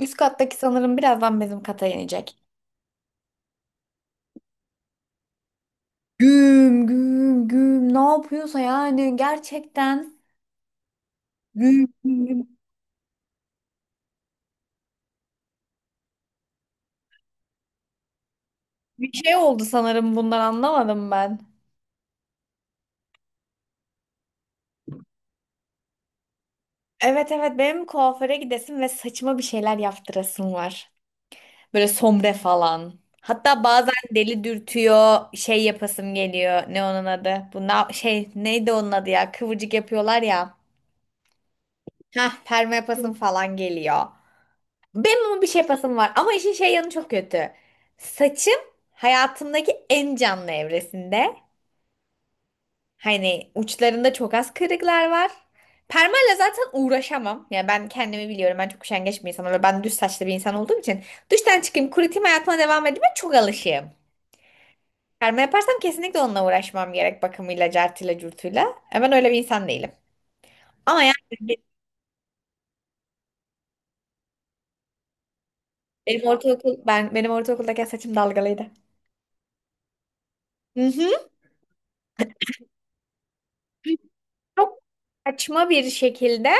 Üst kattaki sanırım birazdan bizim kata inecek. Güm güm güm ne yapıyorsa yani gerçekten güm güm güm. Bir şey oldu sanırım bundan anlamadım ben. Evet evet, benim kuaföre gidesim ve saçıma bir şeyler yaptırasım var. Böyle sombre falan. Hatta bazen deli dürtüyor şey yapasım geliyor. Ne onun adı? Bu şey neydi onun adı ya? Kıvırcık yapıyorlar ya. Hah, perma yapasım falan geliyor. Benim ama bir şey yapasım var. Ama işin şey yanı çok kötü. Saçım hayatımdaki en canlı evresinde. Hani uçlarında çok az kırıklar var. Permayla zaten uğraşamam. Yani ben kendimi biliyorum. Ben çok üşengeç bir insanım ben düz saçlı bir insan olduğum için. Duştan çıkayım, kurutayım, hayatıma devam edeyim. Ben çok alışığım. Perma yaparsam kesinlikle onunla uğraşmam gerek. Bakımıyla, cartıyla, curtuyla. Ben öyle bir insan değilim. Ama yani benim ortaokuldaki saçım dalgalıydı. Hı hı. Çok saçma bir şekilde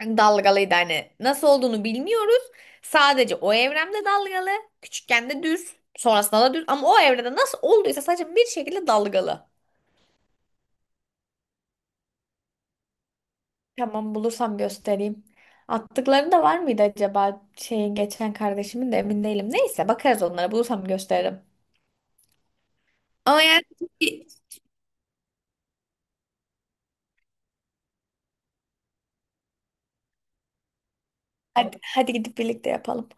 dalgalıydı, hani nasıl olduğunu bilmiyoruz. Sadece o evrende dalgalı, küçükken de düz, sonrasında da düz, ama o evrede nasıl olduysa sadece bir şekilde dalgalı. Tamam, bulursam göstereyim. Attıkları da var mıydı acaba şeyin, geçen kardeşimin de emin değilim. Neyse bakarız onlara, bulursam gösteririm. Ama yani hadi gidip birlikte yapalım.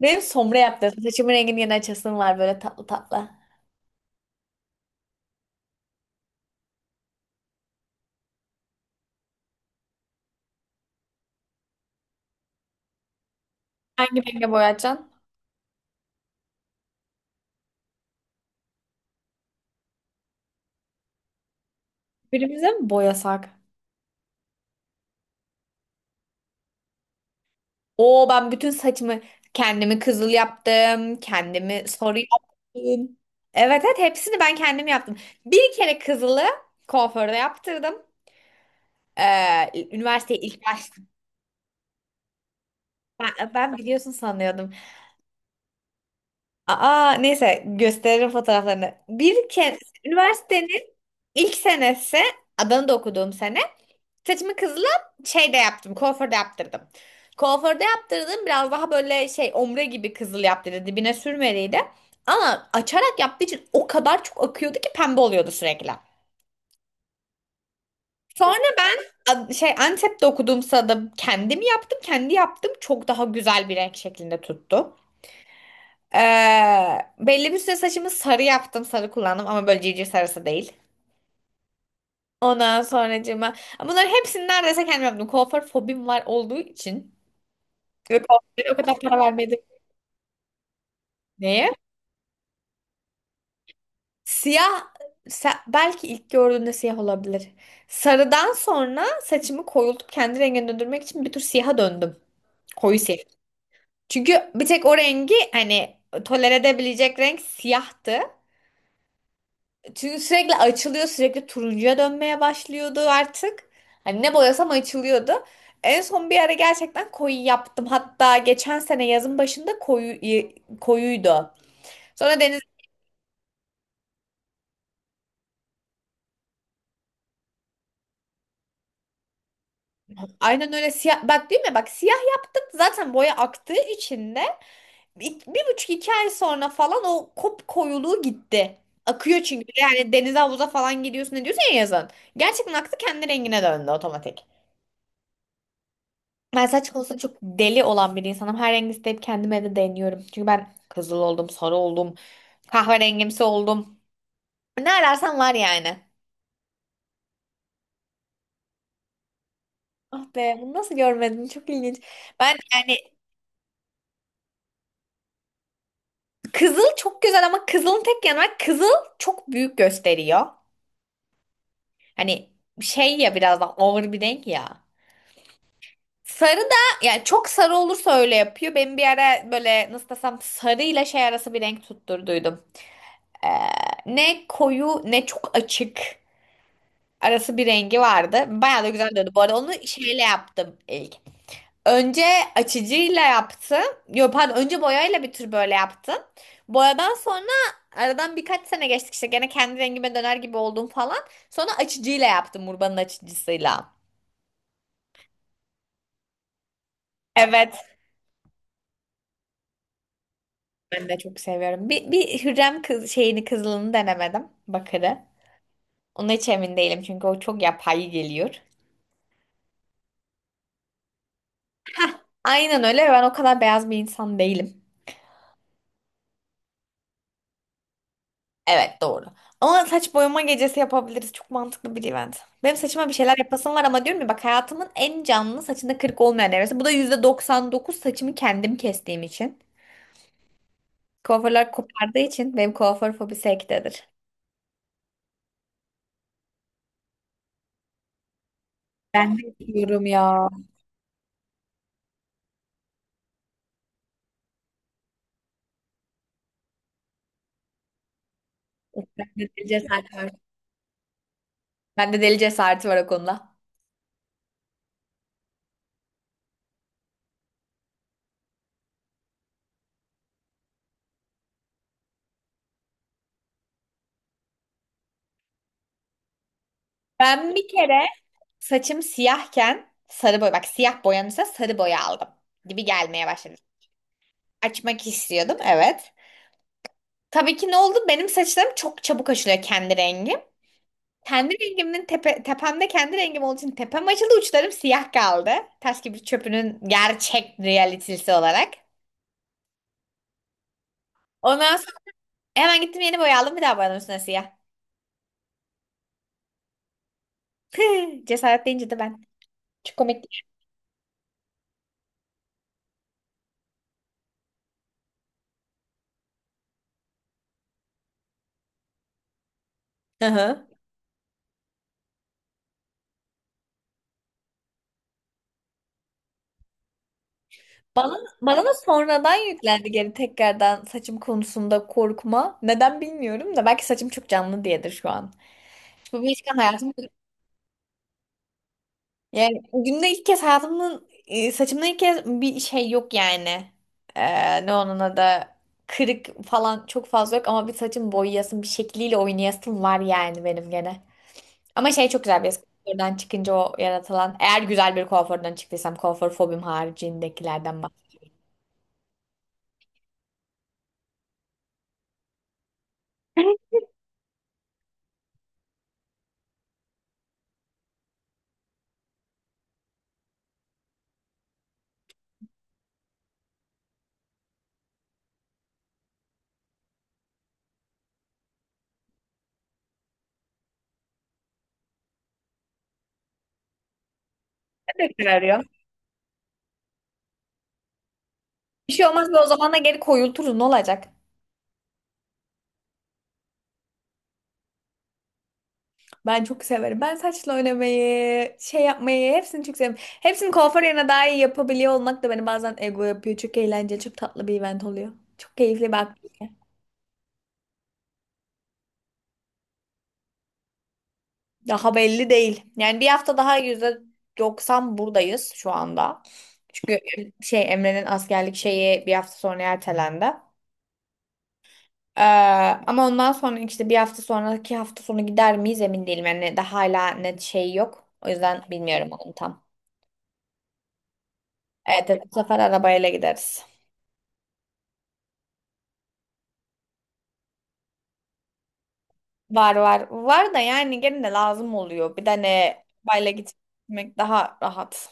Benim sombre yaptım. Saçımın rengini yeni açasım var böyle tatlı tatlı. Hangi renge boyayacaksın? Birimize mi boyasak? Oo, ben bütün saçımı, kendimi kızıl yaptım. Kendimi sarı yaptım. Evet evet, hepsini ben kendim yaptım. Bir kere kızılı kuaförde yaptırdım. Üniversiteye ilk başladım. Ben biliyorsun sanıyordum. Aa, neyse gösteririm fotoğraflarını. Bir kere üniversitenin ilk senesi, Adana'da okuduğum sene. Saçımı kızla şey de yaptım. Kuaförde yaptırdım. Kuaförde yaptırdım. Biraz daha böyle şey ombre gibi kızıl yaptırdı. Dibine sürmeliydi. Ama açarak yaptığı için o kadar çok akıyordu ki pembe oluyordu sürekli. Sonra ben şey Antep'te okuduğumsa da kendim yaptım. Kendi yaptım. Çok daha güzel bir renk şeklinde tuttu. Ee, Belli bir süre saçımı sarı yaptım. Sarı kullandım ama böyle civciv sarısı değil. Ondan sonracığıma bunların hepsini neredeyse kendim yaptım. Kuaför fobim var olduğu için. Ve pahalıya o kadar para vermedim. Neye? Siyah belki ilk gördüğünde siyah olabilir. Sarıdan sonra saçımı koyultup kendi rengine döndürmek için bir tür siyaha döndüm. Koyu siyah. Çünkü bir tek o rengi hani tolere edebilecek renk siyahtı. Çünkü sürekli açılıyor, sürekli turuncuya dönmeye başlıyordu artık. Hani ne boyasam açılıyordu. En son bir ara gerçekten koyu yaptım. Hatta geçen sene yazın başında koyu koyuydu. Sonra denize. Aynen öyle siyah bak, değil mi? Bak, siyah yaptık, zaten boya aktığı için de bir, bir buçuk iki ay sonra falan o kop koyuluğu gitti. Akıyor çünkü, yani denize havuza falan gidiyorsun ne diyorsun ya yazın. Gerçekten aktı, kendi rengine döndü otomatik. Ben saç konusunda çok deli olan bir insanım. Her rengi isteyip kendime de deniyorum. Çünkü ben kızıl oldum, sarı oldum, kahverengimsi oldum. Ne ararsan var yani. Ah be, bunu nasıl görmedim, çok ilginç. Ben yani, kızıl çok güzel ama kızılın tek yanı var. Kızıl çok büyük gösteriyor. Hani şey ya, biraz daha ağır bir renk ya. Sarı da yani çok sarı olursa öyle yapıyor. Ben bir ara böyle nasıl desem sarıyla şey arası bir renk tutturduydum. Ee, Ne koyu ne çok açık arası bir rengi vardı. Bayağı da güzel döndü. Bu arada onu şeyle yaptım ilk. Önce açıcıyla yaptım. Yok pardon, önce boyayla bir tür böyle yaptım. Boyadan sonra aradan birkaç sene geçtik, işte gene kendi rengime döner gibi oldum falan. Sonra açıcıyla yaptım, Urban'ın açıcısıyla. Evet. Ben de çok seviyorum. Bir Hürrem kız, şeyini, kızılını denemedim. Bakırı. Ona hiç emin değilim çünkü o çok yapay geliyor. Aynen öyle, ve ben o kadar beyaz bir insan değilim. Evet doğru. Ama saç boyama gecesi yapabiliriz. Çok mantıklı bir event. Benim saçıma bir şeyler yapasım var ama diyorum ya, bak hayatımın en canlı saçında kırık olmayan evresi. Bu da %99 saçımı kendim kestiğim için. Kuaförler kopardığı için benim kuaför fobisi ektedir. Diyorum ya. Of, bende deli cesareti var. Bende deli cesareti var o konuda. Ben bir kere saçım siyahken sarı boya. Bak, siyah boyanırsa sarı boya aldım. Dibi gelmeye başladı. Açmak istiyordum evet. Tabii ki ne oldu? Benim saçlarım çok çabuk açılıyor kendi rengi. Kendi rengimin tepemde kendi rengim olduğu için tepem açıldı, uçlarım siyah kaldı. Taş gibi çöpünün gerçek realitesi olarak. Ondan sonra hemen gittim, yeni boya aldım, bir daha boyadım üstüne siyah. Cesaret deyince de ben. Çok komik. Hı hı. Bana da sonradan yüklendi geri, tekrardan saçım konusunda korkma. Neden bilmiyorum da belki saçım çok canlı diyedir şu an. Bu bir ilişkin hayatım. Yani günde ilk kez hayatımın saçımda ilk kez bir şey yok yani. Ne onun adı, kırık falan çok fazla yok ama bir saçım boyayasım, bir şekliyle oynayasım var yani benim gene. Ama şey çok güzel bir kuaförden çıkınca o yaratılan, eğer güzel bir kuaförden çıktıysam, kuaför fobim haricindekilerden bahsediyorum. Ne arıyor? Bir şey olmaz, ve o zaman da geri koyulturuz ne olacak? Ben çok severim. Ben saçla oynamayı, şey yapmayı hepsini çok severim. Hepsini kuaför yerine daha iyi yapabiliyor olmak da beni bazen ego yapıyor. Çok eğlenceli, çok tatlı bir event oluyor. Çok keyifli bak. Daha belli değil. Yani bir hafta daha %90 buradayız şu anda. Çünkü şey, Emre'nin askerlik şeyi bir hafta sonra ertelendi. Ee, Ama ondan sonra işte bir hafta sonraki hafta sonu gider miyiz emin değilim. Yani daha hala net şey yok. O yüzden bilmiyorum onu tam. Evet, evet, bu sefer arabayla gideriz. Var var. Var da yani gene de lazım oluyor. Bir de ne, arabayla gitmek daha rahat.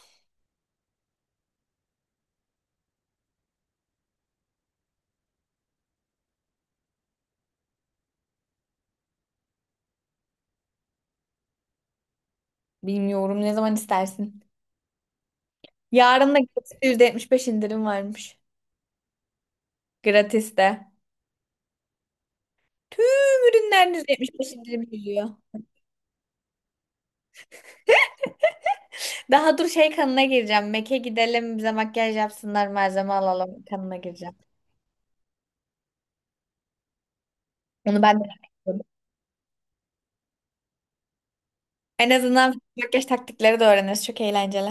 Bilmiyorum, ne zaman istersin. Yarın da gratis %75 indirim varmış. Gratis de. Tüm ürünler %75 indirim geliyor. Daha dur şey, kanına gireceğim. Mac'e gidelim, bize makyaj yapsınlar, malzeme alalım, kanına gireceğim. Onu ben de yapıyorum. En azından makyaj taktikleri de öğreniriz. Çok eğlenceli.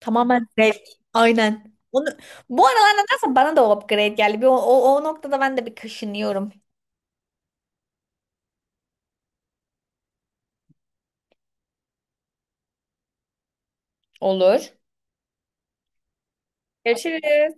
Tamamen zevk. Aynen. Onu, bu aralar nedense bana da o upgrade geldi. Bir, o noktada ben de bir kaşınıyorum. Olur. Görüşürüz.